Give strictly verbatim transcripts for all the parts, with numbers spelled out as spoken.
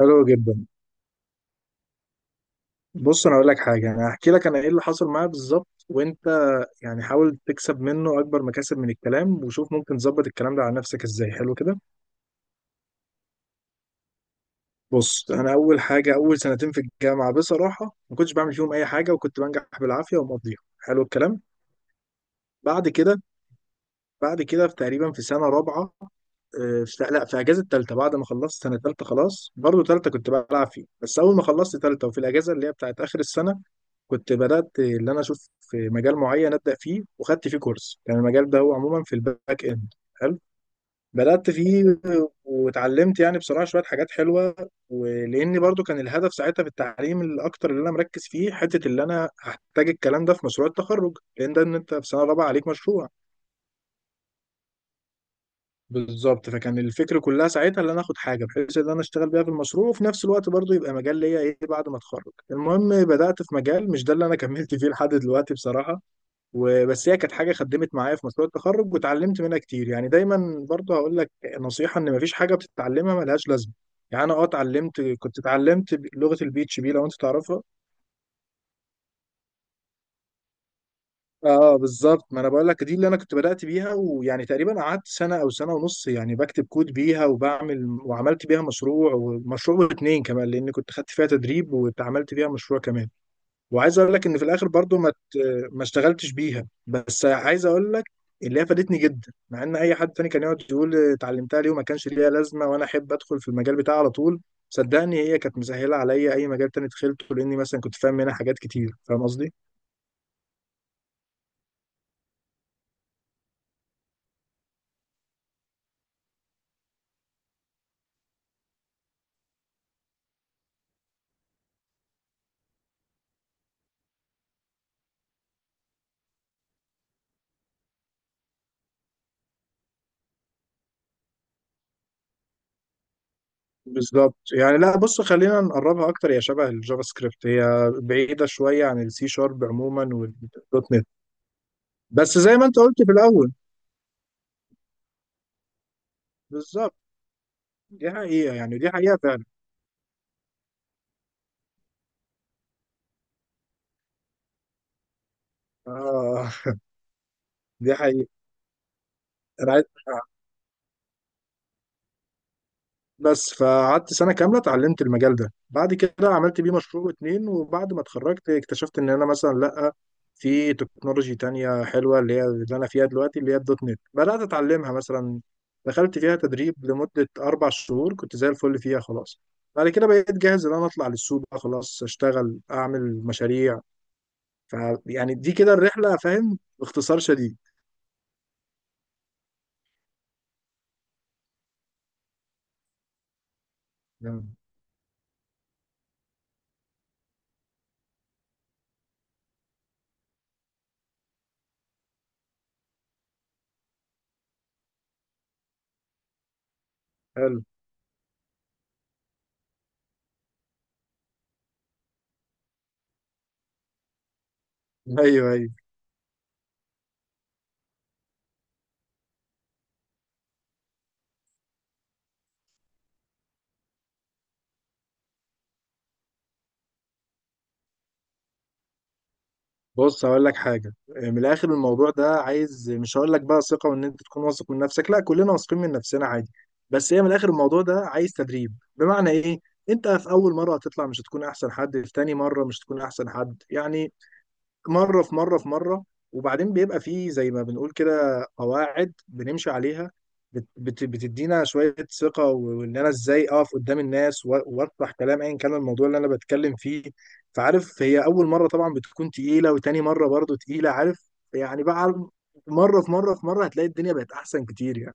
حلو جدا. بص، انا اقول لك حاجه. انا هحكي لك انا ايه اللي حصل معايا بالظبط، وانت يعني حاول تكسب منه اكبر مكاسب من الكلام، وشوف ممكن تظبط الكلام ده على نفسك ازاي. حلو كده. بص، انا اول حاجه، اول سنتين في الجامعه بصراحه ما كنتش بعمل فيهم اي حاجه، وكنت بنجح بالعافيه ومقضيها. حلو الكلام. بعد كده بعد كده في تقريبا في سنه رابعه. آه، في لا في اجازه ثالثه بعد ما خلصت سنه ثالثه، خلاص برضو ثالثه كنت بلعب فيه. بس اول ما خلصت ثالثه وفي الاجازه اللي هي بتاعت اخر السنه، كنت بدات اللي انا اشوف في مجال معين ابدا فيه، وخدت فيه كورس. كان المجال ده هو عموما في الباك اند. حلو. بدات فيه واتعلمت يعني بصراحه شويه حاجات حلوه. ولاني برضو كان الهدف ساعتها في التعليم الاكتر اللي انا مركز فيه حته اللي انا هحتاج الكلام ده في مشروع التخرج، لان ده ان انت في سنه رابعه عليك مشروع. بالظبط. فكان الفكر كلها ساعتها ان انا اخد حاجه بحيث ان انا اشتغل بيها في المشروع، وفي نفس الوقت برضو يبقى مجال ليا ايه بعد ما اتخرج. المهم، بدات في مجال مش ده اللي انا كملت فيه لحد دلوقتي بصراحه. وبس هي كانت حاجه خدمت معايا في مشروع التخرج واتعلمت منها كتير. يعني دايما برضو هقول لك نصيحه، ان مفيش حاجه بتتعلمها ملهاش لازمه. يعني انا اه اتعلمت كنت اتعلمت لغه البي اتش بي، لو انت تعرفها. اه بالظبط، ما انا بقول لك دي اللي انا كنت بدأت بيها. ويعني تقريبا قعدت سنة او سنة ونص يعني بكتب كود بيها، وبعمل وعملت بيها مشروع، ومشروع واتنين كمان لان كنت خدت فيها تدريب، واتعملت بيها مشروع كمان. وعايز اقول لك ان في الاخر برضو ما ت- ما اشتغلتش بيها. بس عايز اقول لك اللي هي فادتني جدا، مع ان اي حد تاني كان يقعد يقول اتعلمتها ليه وما كانش ليها لازمة، وانا احب ادخل في المجال بتاعي على طول. صدقني هي كانت مسهلة عليا اي مجال تاني دخلته، لاني مثلا كنت فاهم منها حاجات كتير، فاهم قصدي. بالظبط. يعني لا، بص خلينا نقربها اكتر، هي شبه الجافا سكريبت، هي بعيده شويه عن السي شارب عموما والدوت نت. بس زي ما انت قلت في الاول، بالظبط. دي حقيقه، يعني دي حقيقه فعلا. آه دي حقيقه. انا عايز، بس فقعدت سنة كاملة اتعلمت المجال ده، بعد كده عملت بيه مشروع واتنين، وبعد ما اتخرجت اكتشفت ان انا مثلا لأ. في تكنولوجي تانية حلوة، اللي هي اللي انا فيها دلوقتي، اللي هي الدوت نت، بدأت اتعلمها مثلا. دخلت فيها تدريب لمدة أربع شهور، كنت زي الفل فيها خلاص. بعد كده بقيت جاهز ان انا اطلع للسوق بقى خلاص، اشتغل اعمل مشاريع. ف يعني دي كده الرحلة، فاهم، باختصار شديد. نعم. حلو. ايوه، ايوه. بص هقول لك حاجة. من الآخر الموضوع ده عايز، مش هقول لك بقى ثقة وإن أنت تكون واثق من نفسك، لا كلنا واثقين من نفسنا عادي. بس هي من الآخر الموضوع ده عايز تدريب. بمعنى إيه؟ أنت في أول مرة هتطلع مش هتكون أحسن حد، في تاني مرة مش هتكون أحسن حد يعني. مرة في مرة في مرة، وبعدين بيبقى فيه زي ما بنقول كده قواعد بنمشي عليها. بت بت بتدينا شوية ثقة، و- وإن أنا إزاي أقف قدام الناس، و- وأطرح كلام أيا كان الموضوع اللي أنا بتكلم فيه. فعارف هي أول مرة طبعا بتكون تقيلة، وتاني مرة برضو تقيلة، عارف، يعني بقى مرة في مرة في مرة هتلاقي الدنيا بقت أحسن كتير يعني.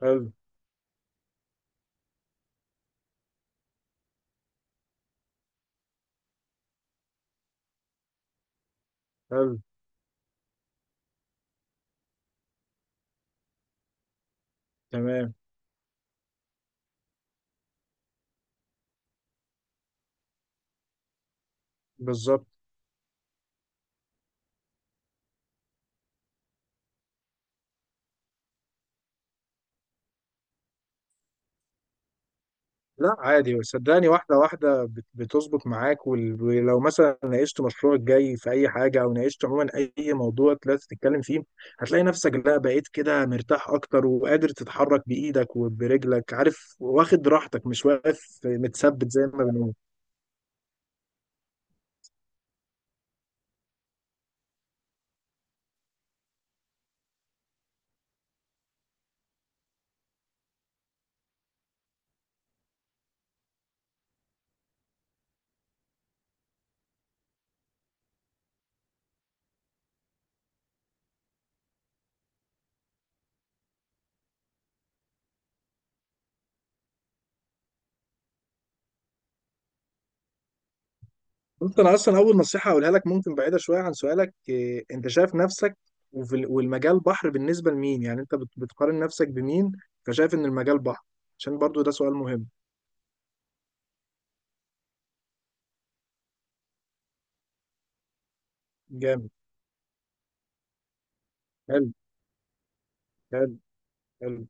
حلو، حلو، تمام، بالظبط. لا عادي صدقني، واحدة واحدة بت- بتظبط معاك، وال- ولو مثلا ناقشت مشروعك الجاي في أي حاجة أو ناقشت عموما أي موضوع طلعت تتكلم فيه، هتلاقي نفسك لا بقيت كده مرتاح أكتر وقادر تتحرك بإيدك وبرجلك، عارف، واخد راحتك، مش واقف متثبت زي ما بنقول. ممكن أصلا أول نصيحة أقولها لك، ممكن بعيدة شوية عن سؤالك، إيه، أنت شايف نفسك وفي ال- والمجال بحر بالنسبة لمين؟ يعني أنت بت- بتقارن نفسك بمين فشايف إن المجال بحر؟ عشان برضو ده سؤال مهم. جامد، حلو، حلو، حلو،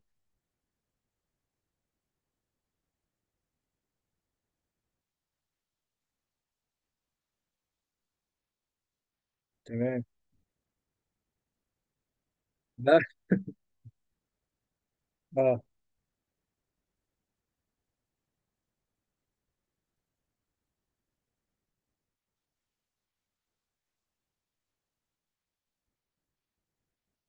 تمام. ده اه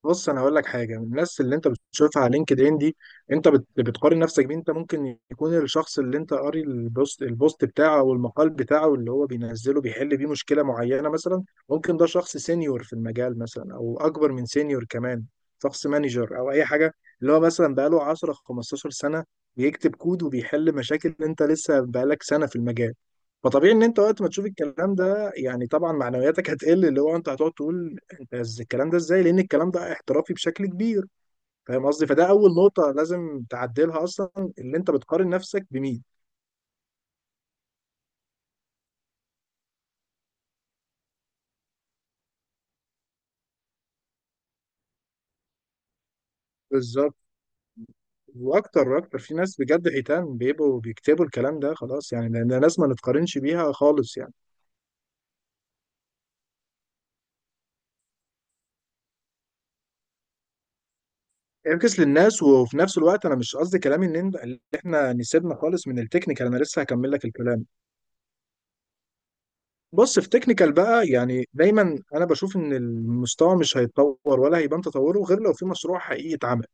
بص انا هقول لك حاجه. من الناس اللي انت بتشوفها على لينكد ان دي، انت بت- بتقارن نفسك بيه. انت ممكن يكون الشخص اللي انت قاري البوست البوست بتاعه او المقال بتاعه اللي هو بينزله بيحل بيه مشكله معينه مثلا، ممكن ده شخص سينيور في المجال مثلا او اكبر من سينيور كمان، شخص مانجر او اي حاجه. اللي هو مثلا بقاله عشر خمسة عشر سنه بيكتب كود وبيحل مشاكل، انت لسه بقالك سنه في المجال. فطبيعي ان انت وقت ما تشوف الكلام ده يعني طبعا معنوياتك هتقل، اللي هو انت هتقعد تقول بس الكلام ده ازاي، لان الكلام ده احترافي بشكل كبير. فاهم قصدي؟ فده اول نقطه لازم تعدلها اصلا، اللي انت بتقارن نفسك بمين. بالظبط. واكتر واكتر في ناس بجد حيتان بيبقوا بيكتبوا الكلام ده، خلاص يعني، لان الناس ما نتقارنش بيها خالص يعني. انكس للناس، وفي نفس الوقت انا مش قصدي كلامي ان انت- اللي احنا نسيبنا خالص من التكنيكال، انا لسه هكمل لك الكلام. بص، في تكنيكال بقى، يعني دايما انا بشوف ان المستوى مش هيتطور ولا هيبان تطوره غير لو في مشروع حقيقي اتعمل.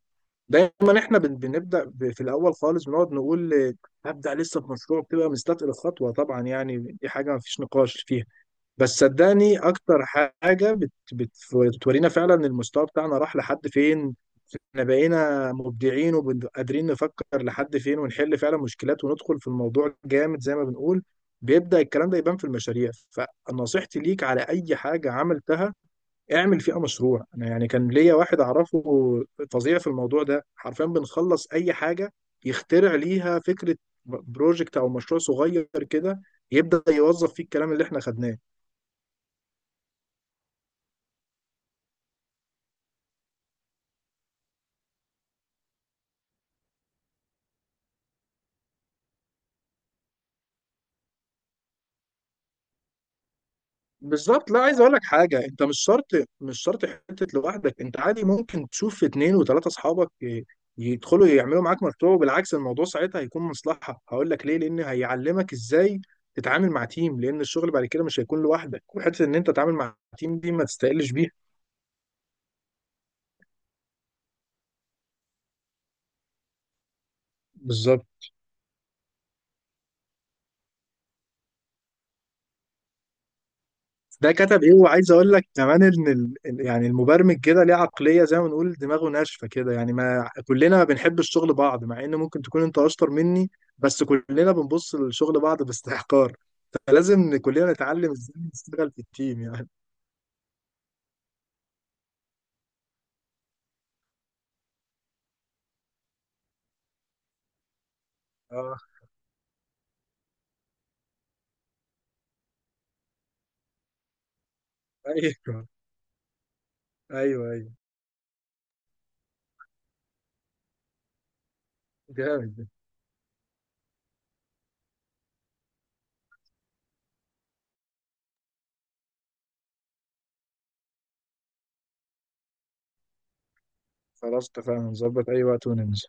دايما احنا بن- بنبدا ب- في الاول خالص بنقعد نقول آه، هبدا لسه في مشروع، بتبقى مستثقل الخطوه طبعا، يعني دي حاجه ما فيش نقاش فيها. بس صدقني اكتر حاجه بت بت بتورينا فعلا المستوى بتاعنا راح لحد فين. احنا بقينا مبدعين وقادرين نفكر لحد فين ونحل فعلا مشكلات وندخل في الموضوع جامد زي ما بنقول، بيبدا الكلام ده يبان في المشاريع. فنصيحتي ليك، على اي حاجه عملتها اعمل فيها مشروع. انا يعني كان ليا واحد اعرفه فظيع في الموضوع ده، حرفيا بنخلص اي حاجه يخترع ليها فكره، بروجكت او مشروع صغير كده، يبدا يوظف فيه الكلام اللي احنا خدناه. بالظبط لا، عايز اقول لك حاجه، انت مش شرط، مش شرط حته لوحدك، انت عادي ممكن تشوف في اتنين وتلاته اصحابك ي- يدخلوا يعملوا معاك مشروع، وبالعكس الموضوع ساعتها هيكون مصلحه. هقول لك ليه، لان هيعلمك ازاي تتعامل مع تيم، لان الشغل بعد كده مش هيكون لوحدك، وحته ان انت تتعامل مع تيم دي ما تستقلش بيها. بالظبط ده كتب ايه، وعايز اقول لك كمان ان ال... ال- يعني المبرمج كده ليه عقليه، زي ما نقول دماغه ناشفه كده، يعني ما كلنا ما بنحب الشغل بعض مع ان ممكن تكون انت اشطر مني. بس كلنا بنبص للشغل بعض باستحقار، فلازم كلنا نتعلم ازاي نشتغل في التيم يعني. اه، ايوه، ايوه، ايوه، جامد ده. خلاص اتفقنا نظبط اي وقت وننزل